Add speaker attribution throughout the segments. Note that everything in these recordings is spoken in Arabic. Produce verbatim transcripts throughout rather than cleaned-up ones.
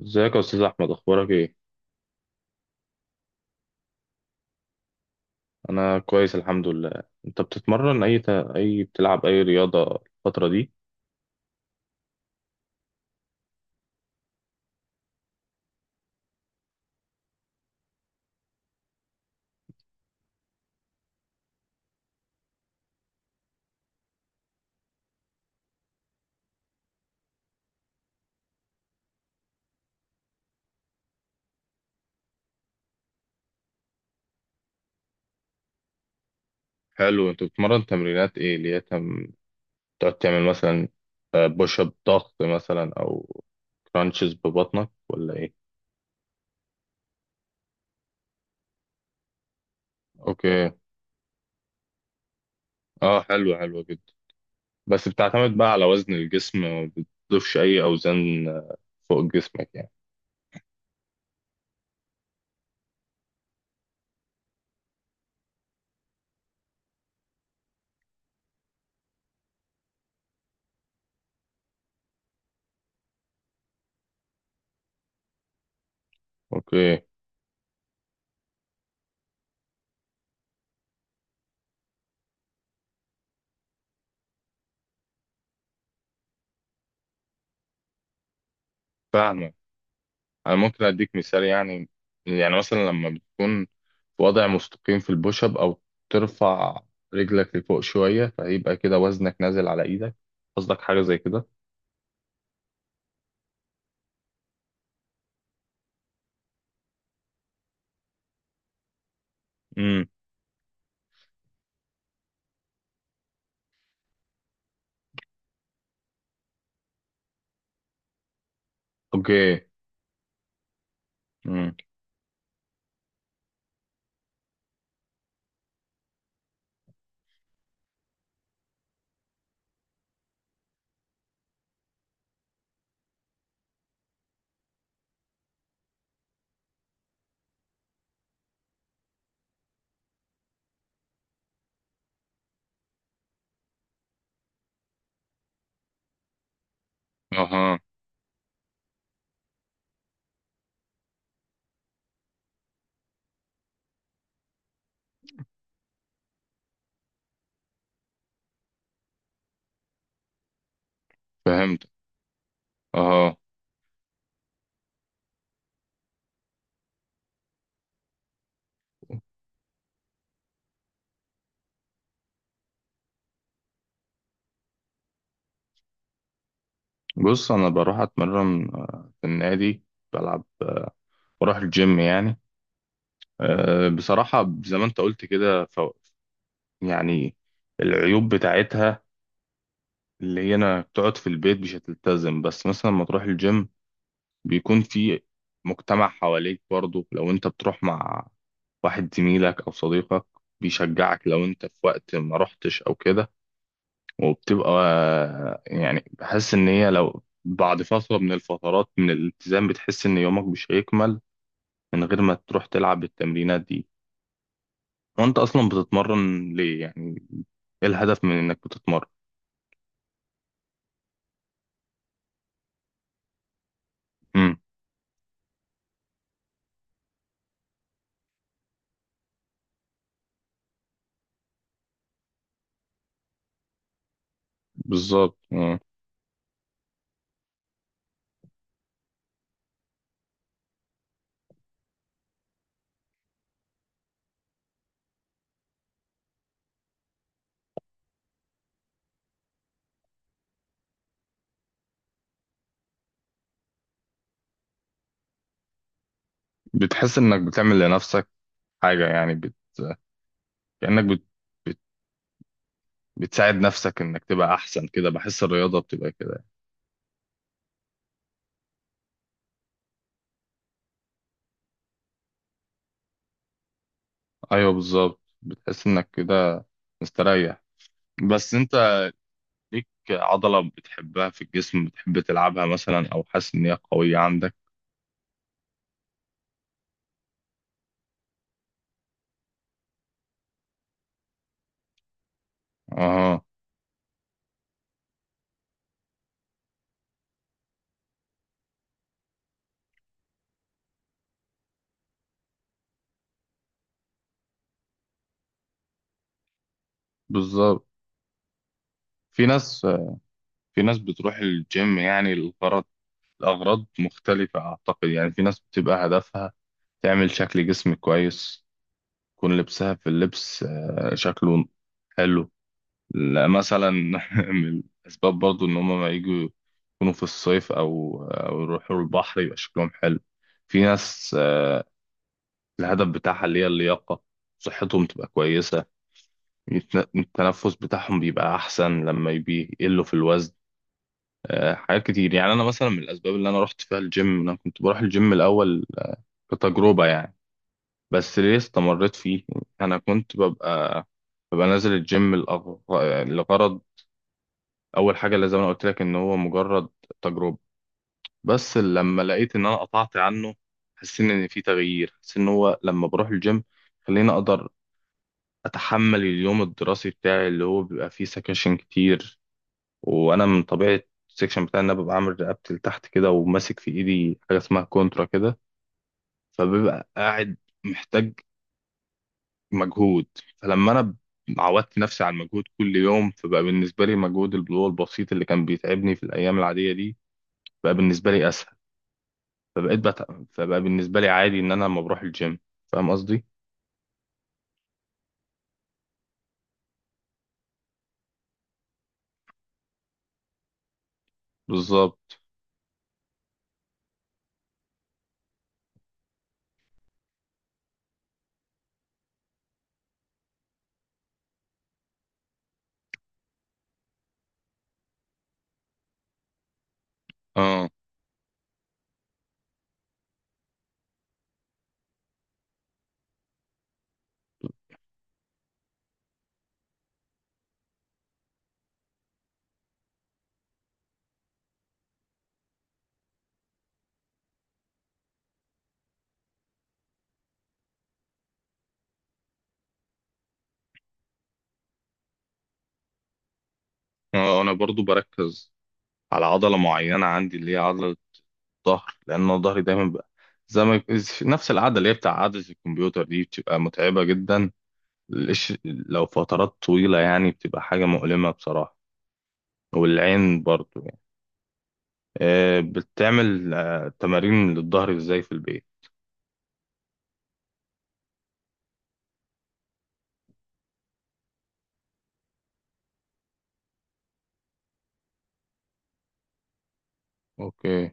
Speaker 1: ازيك يا استاذ احمد، اخبارك ايه؟ انا كويس الحمد لله. انت بتتمرن اي ت... اي بتلعب اي رياضه الفتره دي؟ حلو. انت بتتمرن تمرينات ايه؟ اللي هي تم... تقعد تعمل مثلا بوش اب، ضغط مثلا، او كرانشز ببطنك، ولا ايه؟ اوكي. اه حلو، حلو جدا. بس بتعتمد بقى على وزن الجسم، ما بتضيفش اي اوزان آه، فوق جسمك يعني. اوكي. فاهمك. انا ممكن اديك مثال يعني. يعني مثلا لما بتكون في وضع مستقيم في البوش اب، او ترفع رجلك لفوق شويه، فيبقى كده وزنك نازل على ايدك. قصدك حاجه زي كده؟ امم. اوكي. امم. اها. فهمت. اها. بص، انا بروح اتمرن آه، في النادي، بلعب آه، بروح الجيم يعني. آه، بصراحه زي ما انت قلت كده، ف... يعني العيوب بتاعتها اللي هي انا بتقعد في البيت مش هتلتزم. بس مثلا لما تروح الجيم بيكون في مجتمع حواليك. برضه لو انت بتروح مع واحد زميلك او صديقك بيشجعك لو انت في وقت ما رحتش او كده. وبتبقى يعني بحس ان هي لو بعد فترة من الفترات من الالتزام بتحس ان يومك مش هيكمل من غير ما تروح تلعب التمرينات دي. وانت اصلا بتتمرن ليه يعني؟ ايه الهدف من انك بتتمرن؟ امم. بالظبط. مم. بتحس انك بتعمل لنفسك حاجة. يعني بت... كأنك بت... بتساعد نفسك انك تبقى احسن كده. بحس الرياضة بتبقى كده. ايوه بالظبط، بتحس انك كده مستريح. بس انت ليك عضلة بتحبها في الجسم بتحب تلعبها مثلا، او حاسس ان هي قوية عندك؟ اه. بالظبط. في ناس في ناس بتروح الجيم يعني الغرض الاغراض مختلفة اعتقد. يعني في ناس بتبقى هدفها تعمل شكل جسم كويس، يكون لبسها في اللبس آه، شكله حلو. لا، مثلا من الأسباب برضو إن هما ما يجوا يكونوا في الصيف أو أو يروحوا البحر يبقى شكلهم حلو. في ناس آه، الهدف بتاعها اللي هي اللياقة، صحتهم تبقى كويسة، يتن- التنفس بتاعهم بيبقى أحسن لما يبي- يقلوا في الوزن. آه، حاجات كتير يعني. أنا مثلا من الأسباب اللي أنا رحت فيها الجيم، أنا كنت بروح الجيم الأول آه، كتجربة يعني. بس ليه استمريت فيه؟ أنا كنت ببقى ببقى نازل الجيم لأغ- لغرض. اول حاجه اللي زي ما أنا قلت لك ان هو مجرد تجربه. بس لما لقيت ان انا قطعت عنه حسيت ان في تغيير. حسيت ان هو لما بروح الجيم خليني اقدر اتحمل اليوم الدراسي بتاعي اللي هو بيبقى فيه سكاشن كتير. وانا من طبيعه السكشن بتاعي ان انا ببقى عامل رقبتي لتحت كده، وماسك في ايدي حاجه اسمها كونترا كده، فببقى قاعد محتاج مجهود. فلما انا عودت نفسي على المجهود كل يوم، فبقى بالنسبه لي مجهود اللي هو البسيط اللي كان بيتعبني في الايام العاديه دي بقى بالنسبه لي اسهل. فبقيت بت... فبقى بالنسبة لي عادي إن أنا لما بروح الجيم. فاهم قصدي؟ بالظبط. اه. آه، أنا برضو بركز على عضلة معينة عندي اللي هي عضلة الظهر، لأن أنا ظهري دايما بقى زي ما نفس العادة اللي هي بتاع عادة الكمبيوتر دي بتبقى متعبة جدا. الإش- لو فترات طويلة يعني بتبقى حاجة مؤلمة بصراحة. والعين برضو يعني. آه، بتعمل آه، تمارين للظهر إزاي في البيت؟ اوكي.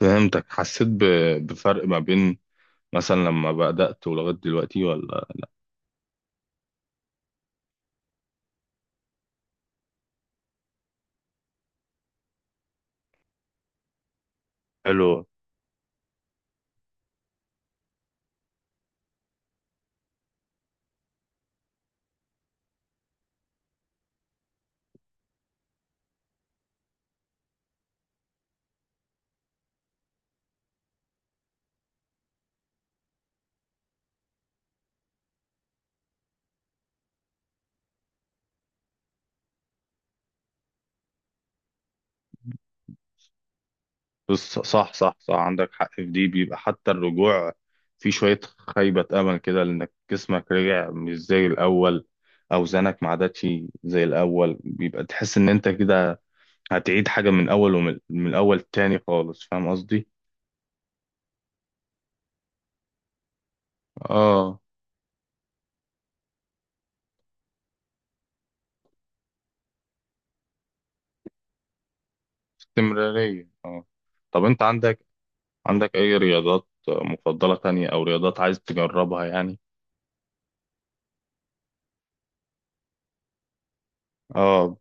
Speaker 1: فهمتك. حسيت ب- بفرق ما بين مثلا لما بدأت ولغاية دلوقتي ولا؟ حلو. بص، صح صح صح، عندك حق في دي. بيبقى حتى الرجوع في شوية خيبة أمل كده، لأنك جسمك رجع مش زي الأول، أوزانك ما عادتش زي الأول، بيبقى تحس إن أنت كده هتعيد حاجة من أول، ومن من أول تاني خالص. فاهم قصدي؟ آه. استمرارية آه. طب أنت عندك عندك أي رياضات مفضلة تانية، أو رياضات عايز تجربها يعني؟ آه.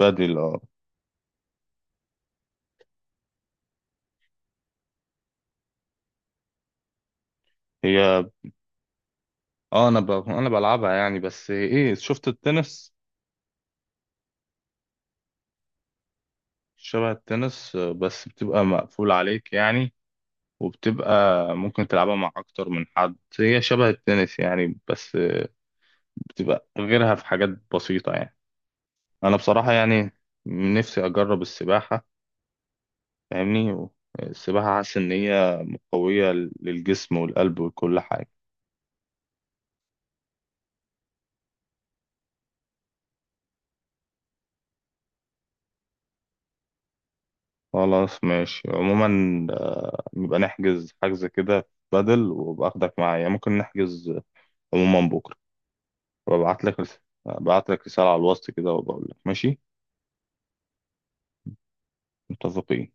Speaker 1: بدل آه. هي اه، انا ب... انا بلعبها يعني. بس ايه، شفت التنس؟ شبه التنس آه، بس بتبقى مقفول عليك يعني. وبتبقى ممكن تلعبها مع اكتر من حد. هي شبه التنس يعني، بس بتبقى غيرها في حاجات بسيطة يعني. انا بصراحة يعني نفسي اجرب السباحة. فاهمني؟ و- السباحة حاسس ان هي قوية للجسم والقلب وكل حاجة. خلاص ماشي. عموما آه، نبقى نحجز حجز كده بدل، وباخدك معايا ممكن نحجز. عموما بكرة وابعت لك رس- ابعت لك رسالة على الوسط كده وبقول لك ماشي. متفقين.